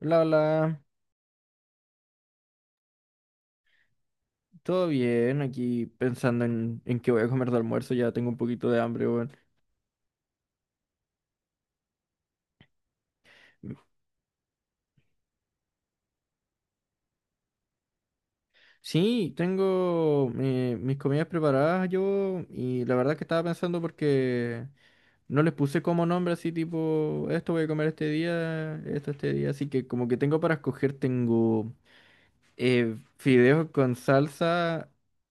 Hola, hola, todo bien, aquí pensando en qué voy a comer de almuerzo, ya tengo un poquito de hambre, weón. Mm, sí, tengo mis comidas preparadas yo, y la verdad que estaba pensando porque no les puse como nombre así tipo, esto voy a comer este día, esto este día, así que como que tengo para escoger. Tengo fideos con salsa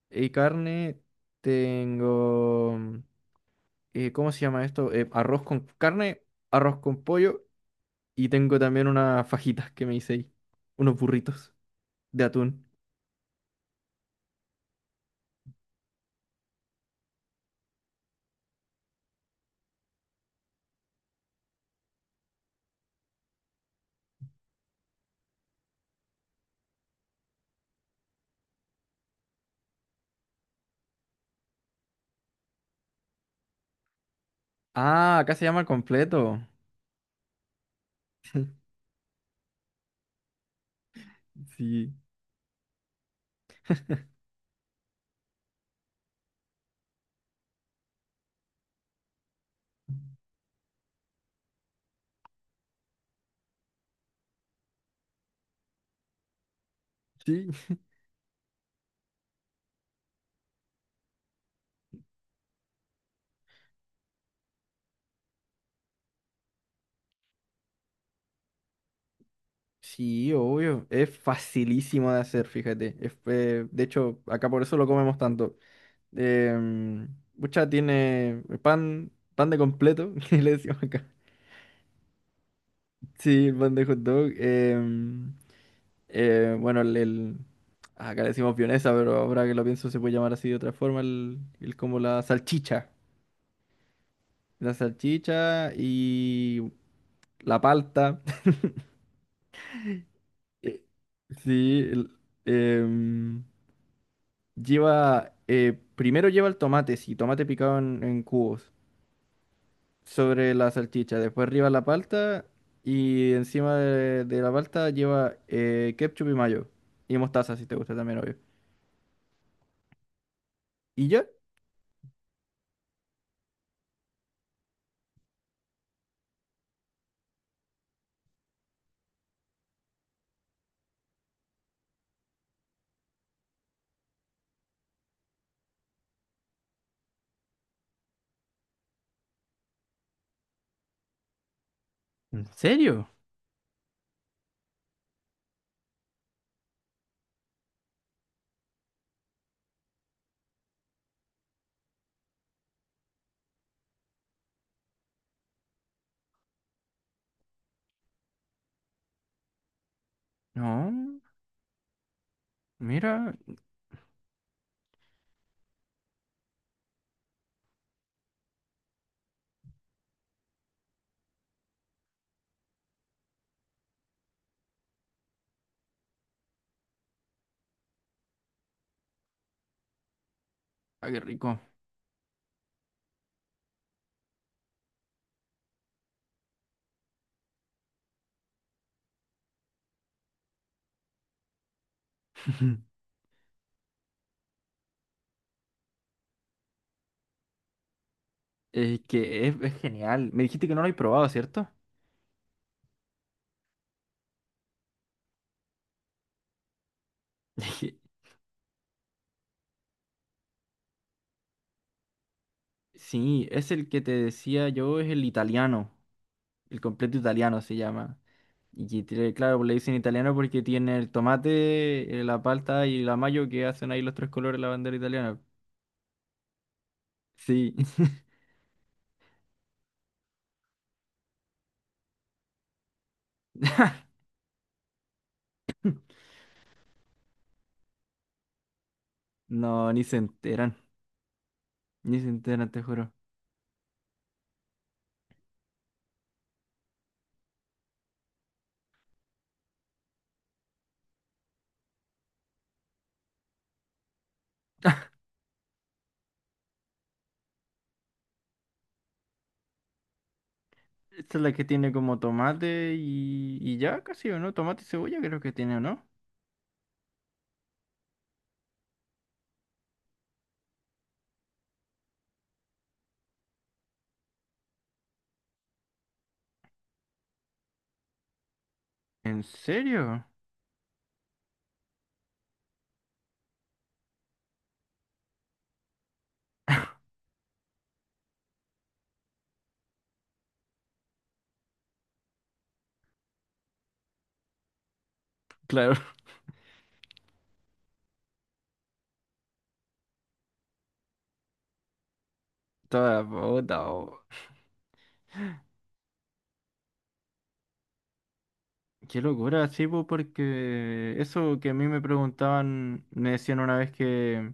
y carne, tengo, ¿cómo se llama esto? Arroz con carne, arroz con pollo. Y tengo también unas fajitas que me hice ahí. Unos burritos de atún. Ah, acá se llama completo. Sí, sí, sí, obvio. Es facilísimo de hacer, fíjate. De hecho, acá por eso lo comemos tanto. Eh, Pucha, tiene pan, pan de completo, que le decimos acá. Sí, el pan de hot dog. Bueno, acá le decimos vienesa, pero ahora que lo pienso se puede llamar así de otra forma, el como la salchicha. La salchicha y la palta. Eh, Sí, em, lleva, primero lleva el tomate, sí, tomate picado en cubos sobre la salchicha, después arriba la palta, y encima de la palta lleva ketchup y mayo, y mostaza si te gusta también, obvio. ¿Y ya? ¿En serio? No, mira, ah, qué rico. Es que es genial. Me dijiste que no lo habéis probado, ¿cierto? Sí, es el que te decía yo, es el italiano, el completo italiano se llama. Y que tiene- claro, le dicen italiano porque tiene el tomate, la palta y la mayo, que hacen ahí los tres colores de la bandera italiana. Sí. No, ni se enteran, ni se enteran, te juro. Esta es la que tiene como tomate y ya casi, ¿o no? Tomate y cebolla creo que tiene, ¿o no? ¿En serio? Claro, toda puta. Qué locura, sí, po, porque eso que a mí me preguntaban, me decían una vez que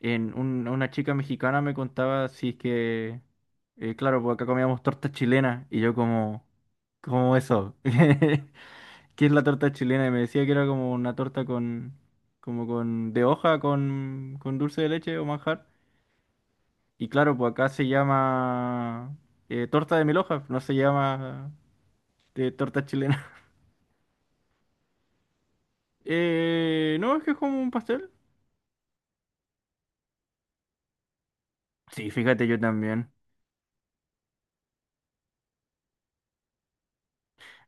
en un- una chica mexicana me contaba si es que, claro, pues acá comíamos torta chilena y yo como, ¿cómo eso? ¿Qué es la torta chilena? Y me decía que era como una torta con, como con, de hoja con dulce de leche o manjar. Y claro, pues acá se llama torta de mil hojas, no se llama torta chilena. No, es que es como un pastel. Sí, fíjate, yo también.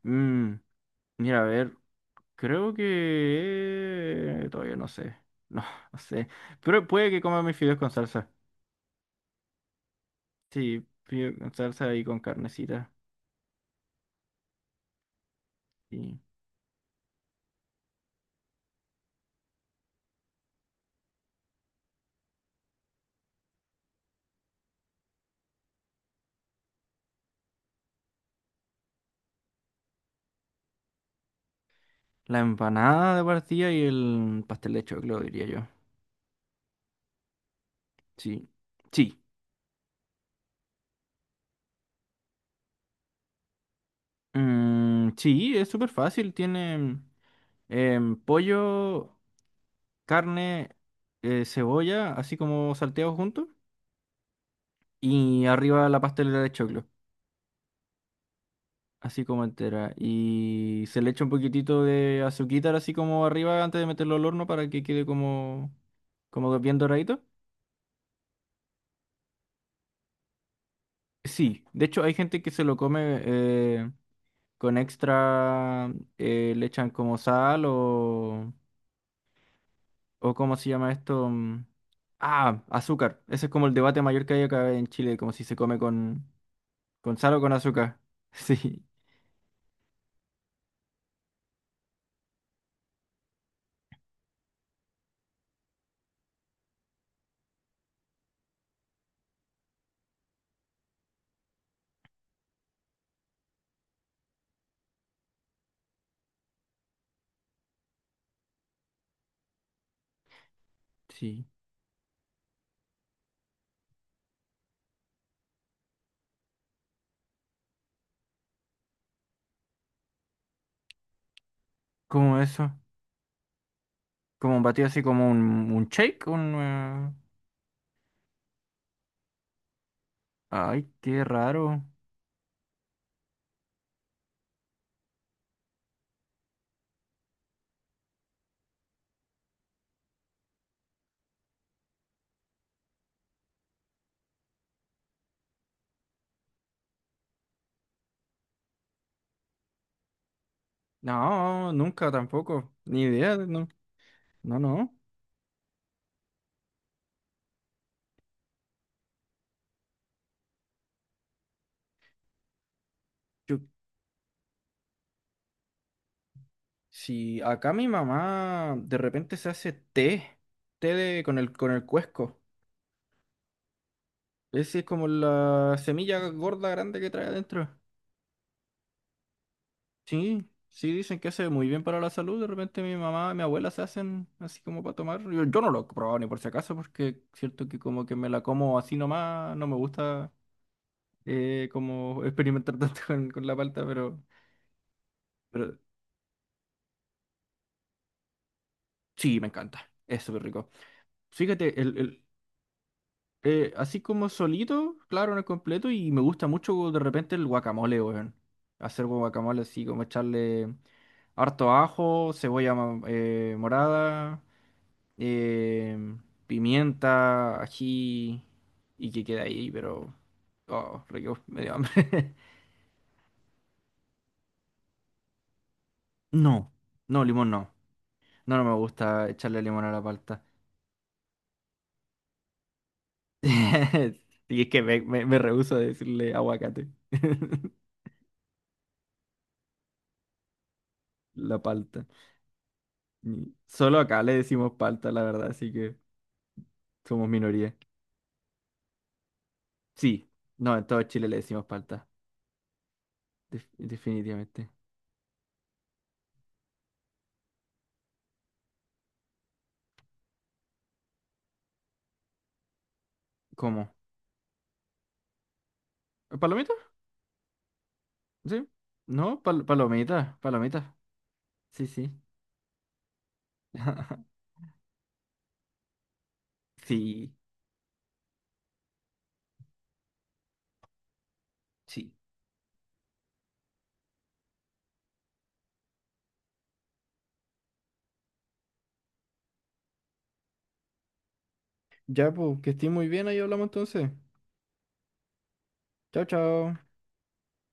Mm, mira, a ver, creo que... Todavía no sé. No, no sé. Pero puede que coma mis fideos con salsa. Sí, fideos con salsa y con carnecita. Y la empanada de partida y el pastel de choclo, diría yo. Sí. Sí. Mm, sí, es súper fácil. Tiene pollo, carne, cebolla, así como salteados juntos. Y arriba la pastelera de choclo. Así como entera. Y se le echa un poquitito de azuquitar así como arriba antes de meterlo al horno para que quede como, como bien doradito. Sí, de hecho hay gente que se lo come con extra, le echan como sal o ¿cómo se llama esto? Mm, ah, azúcar. Ese es como el debate mayor que hay acá en Chile, como si se come con sal o con azúcar. Sí, sí. Como eso. Como un batido así como un shake, un... ay, qué raro. No, nunca tampoco. Ni idea, no. No, no. Yo- si acá mi mamá de repente se hace té, té de- con el cuesco. Ese es como la semilla gorda grande que trae adentro. Sí, sí, dicen que hace muy bien para la salud. De repente mi mamá y mi abuela se hacen así como para tomar. Yo no lo he probado ni por si acaso, porque cierto que como que me la como así nomás, no me gusta como experimentar tanto con la palta, pero... Pero sí, me encanta. Es súper rico. Fíjate, así como solito, claro, no es completo, y me gusta mucho de repente el guacamole, weón. Hacer guacamole así, como echarle harto ajo, cebolla morada, eh, pimienta, ají, y que queda ahí, pero... Oh, rico, me dio hambre. No, no, limón no. No, no me gusta echarle limón a la palta. Y es que me rehúso a decirle aguacate. La palta. Ni- solo acá le decimos palta, la verdad, así que somos minoría. Sí, no, en todo Chile le decimos palta, def- definitivamente. ¿Cómo? ¿Palomita? Sí. No, pal- palomita, palomita. Sí, sí. Sí, sí. Ya, pues, que estés muy bien, ahí hablamos entonces. Chao, chao.